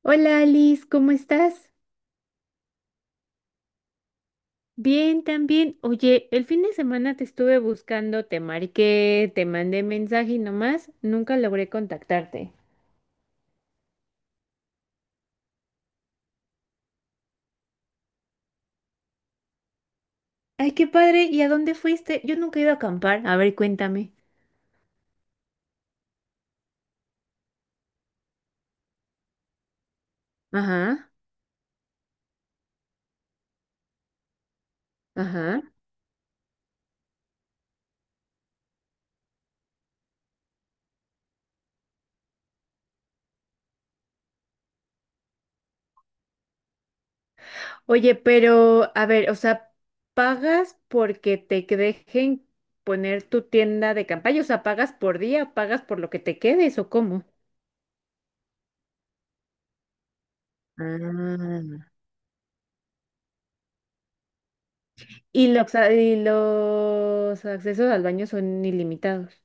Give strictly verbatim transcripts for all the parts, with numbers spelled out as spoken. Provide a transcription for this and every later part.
Hola Alice, ¿cómo estás? Bien, también. Oye, el fin de semana te estuve buscando, te marqué, te mandé mensaje y nomás nunca logré contactarte. Ay, qué padre. ¿Y a dónde fuiste? Yo nunca he ido a acampar. A ver, cuéntame. Ajá, ajá. Oye, pero, a ver, o sea, ¿pagas porque te dejen poner tu tienda de campaña? O sea, ¿pagas por día? O ¿pagas por lo que te quedes o cómo? Ah. Y los, a- y los accesos al baño son ilimitados.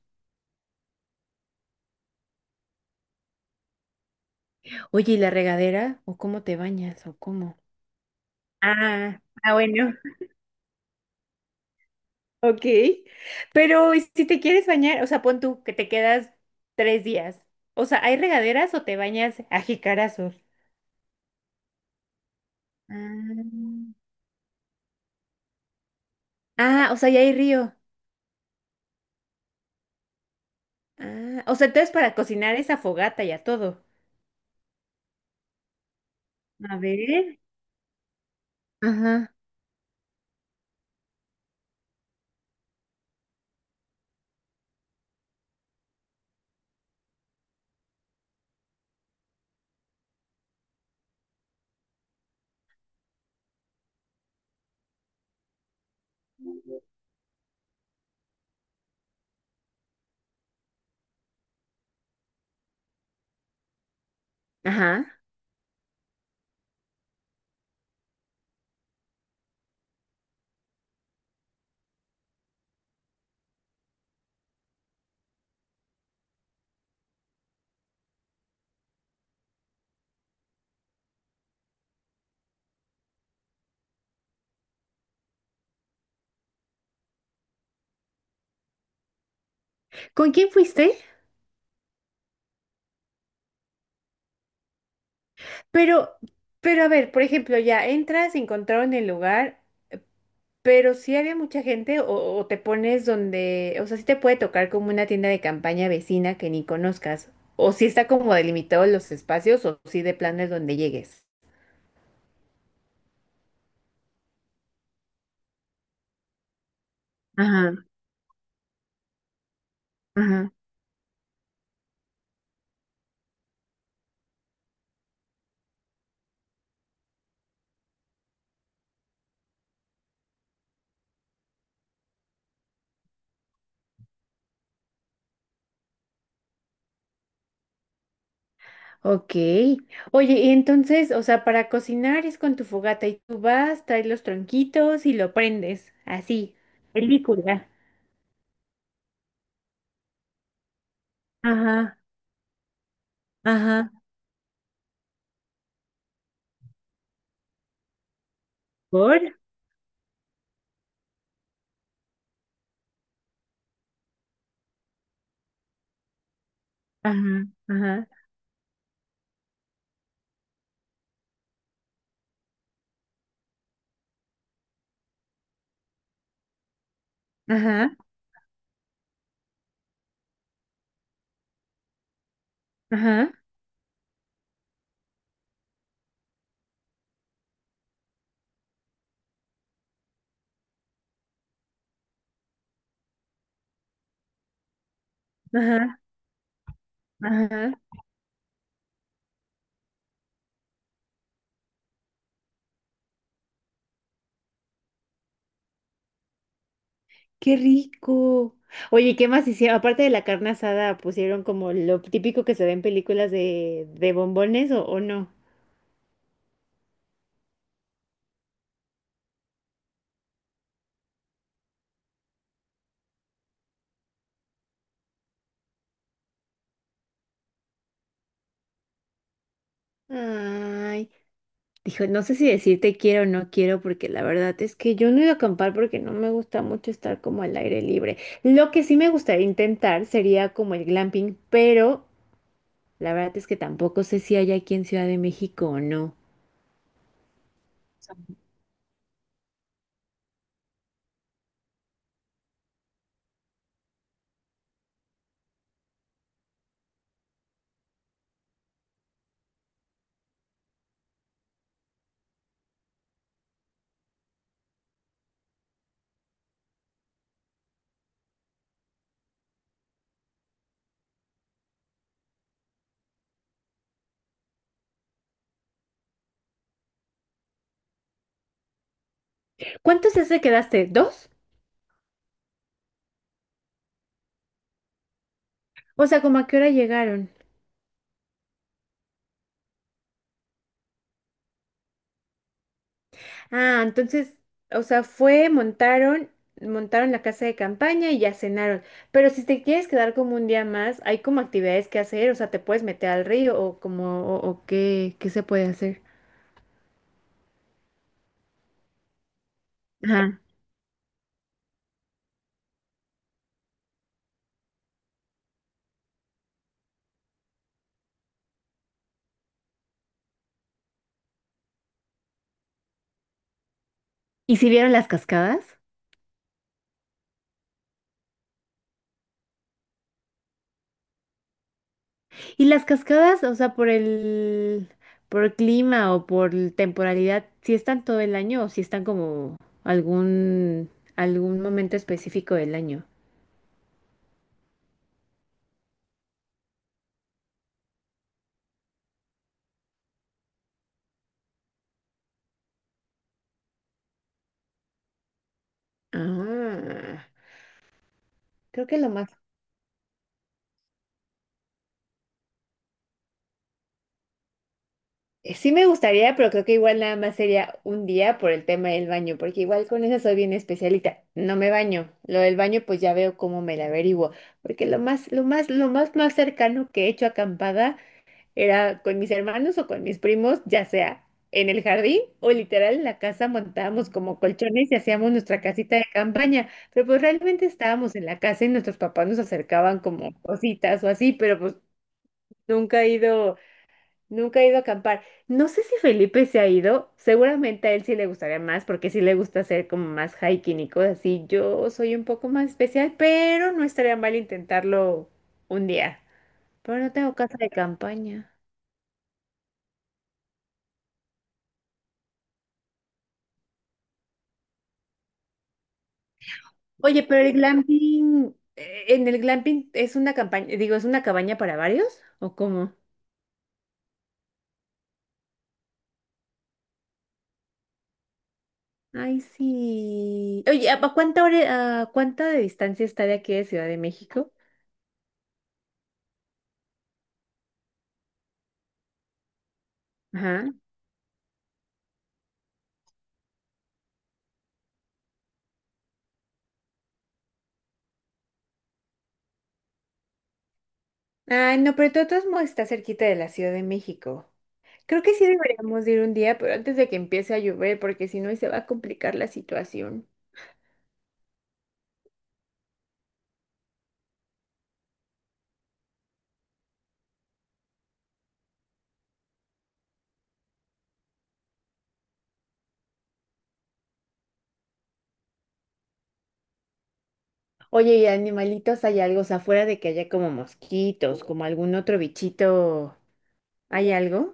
Oye, ¿y la regadera? ¿O cómo te bañas? ¿O cómo? Ah, ah, bueno, ok. Pero ¿y si te quieres bañar, o sea, pon tú que te quedas tres días. O sea, ¿hay regaderas o te bañas a jicarazos? Ah. Ah, o sea, ya hay río. Ah, o sea, entonces para cocinar esa fogata y a todo. A ver. Ajá. Ajá. ¿Con quién fuiste? Pero, pero a ver, por ejemplo, ya entras, encontraron el lugar, pero si había mucha gente o, o te pones donde, o sea, si te puede tocar como una tienda de campaña vecina que ni conozcas, o si está como delimitado los espacios o si de plano es donde llegues. Ajá, ajá. Ok. Oye, y entonces, o sea, para cocinar es con tu fogata y tú vas, traes los tronquitos y lo prendes, así, película. Ajá, ajá. ¿Por? Ajá, ajá, ajá, ajá. Ajá, ajá. Qué rico. Oye, ¿qué más hicieron? Aparte de la carne asada, pusieron como lo típico que se ve en películas de, de bombones o, o no. Ay, dijo, no sé si decirte quiero o no quiero, porque la verdad es que yo no he ido a acampar porque no me gusta mucho estar como al aire libre. Lo que sí me gustaría intentar sería como el glamping, pero la verdad es que tampoco sé si hay aquí en Ciudad de México o no. ¿Cuántos días te quedaste? ¿Dos? O sea, ¿como a qué hora llegaron? Ah, entonces, o sea, fue, montaron, montaron la casa de campaña y ya cenaron. Pero si te quieres quedar como un día más, hay como actividades que hacer, o sea, te puedes meter al río o como, o, o qué, qué se puede hacer. Ajá. ¿Y si vieron las cascadas? Y las cascadas, o sea, por el, por el clima o por el temporalidad, si están todo el año o si están como algún, algún momento específico del año. Ah, creo que lo más. Eh, Sí me gustaría, pero creo que igual nada más sería un día por el tema del baño, porque igual con eso soy bien especialita. No me baño. Lo del baño, pues ya veo cómo me la averiguo. Porque lo más, lo más, lo más, más cercano que he hecho acampada era con mis hermanos o con mis primos, ya sea en el jardín o literal en la casa montábamos como colchones y hacíamos nuestra casita de campaña. Pero pues realmente estábamos en la casa y nuestros papás nos acercaban como cositas o así, pero pues nunca he ido. Nunca he ido a acampar. No sé si Felipe se ha ido. Seguramente a él sí le gustaría más porque sí le gusta hacer como más hiking y cosas así. Yo soy un poco más especial, pero no estaría mal intentarlo un día. Pero no tengo casa de campaña. Oye, pero el glamping, eh, en el glamping es una campaña, digo, ¿es una cabaña para varios? ¿O cómo? Ay, sí. Oye, ¿a a cuánta hora, a cuánta de distancia está de aquí de Ciudad de México? Ay, no, pero de todos modos está cerquita de la Ciudad de México. Creo que sí deberíamos de ir un día, pero antes de que empiece a llover, porque si no, ahí se va a complicar la situación. Oye, ¿y animalitos hay algo? O sea, afuera de que haya como mosquitos, como algún otro bichito, ¿hay algo?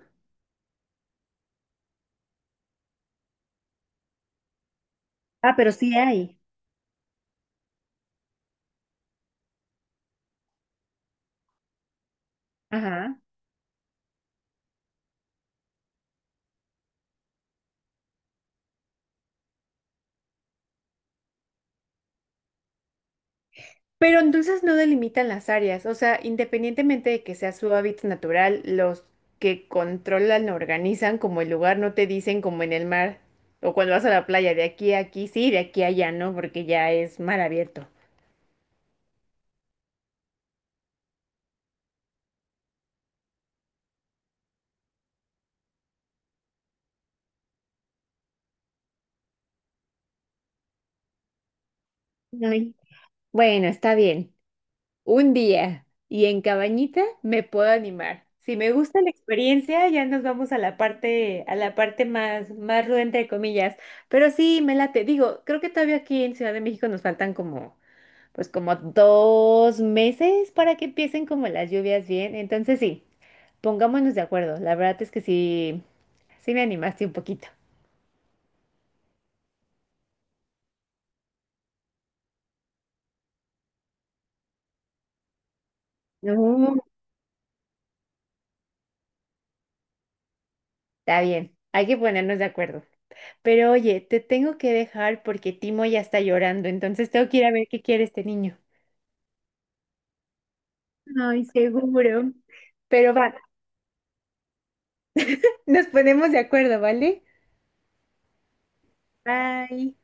Ah, pero sí hay. Ajá. Pero entonces no delimitan las áreas, o sea, independientemente de que sea su hábitat natural, los que controlan, organizan como el lugar, no te dicen como en el mar o cuando vas a la playa, de aquí a aquí sí, de aquí a allá no, porque ya es mar abierto. Ay. Bueno, está bien. Un día y en cabañita me puedo animar. Si me gusta la experiencia, ya nos vamos a la parte, a la parte más, más ruda, entre comillas. Pero sí, me late. Digo, creo que todavía aquí en Ciudad de México nos faltan como pues como dos meses para que empiecen como las lluvias bien. Entonces sí, pongámonos de acuerdo. La verdad es que sí, sí me animaste un poquito. No, está bien, hay que ponernos de acuerdo. Pero oye, te tengo que dejar porque Timo ya está llorando, entonces tengo que ir a ver qué quiere este niño. Ay, seguro. Pero va, nos ponemos de acuerdo, ¿vale? Bye.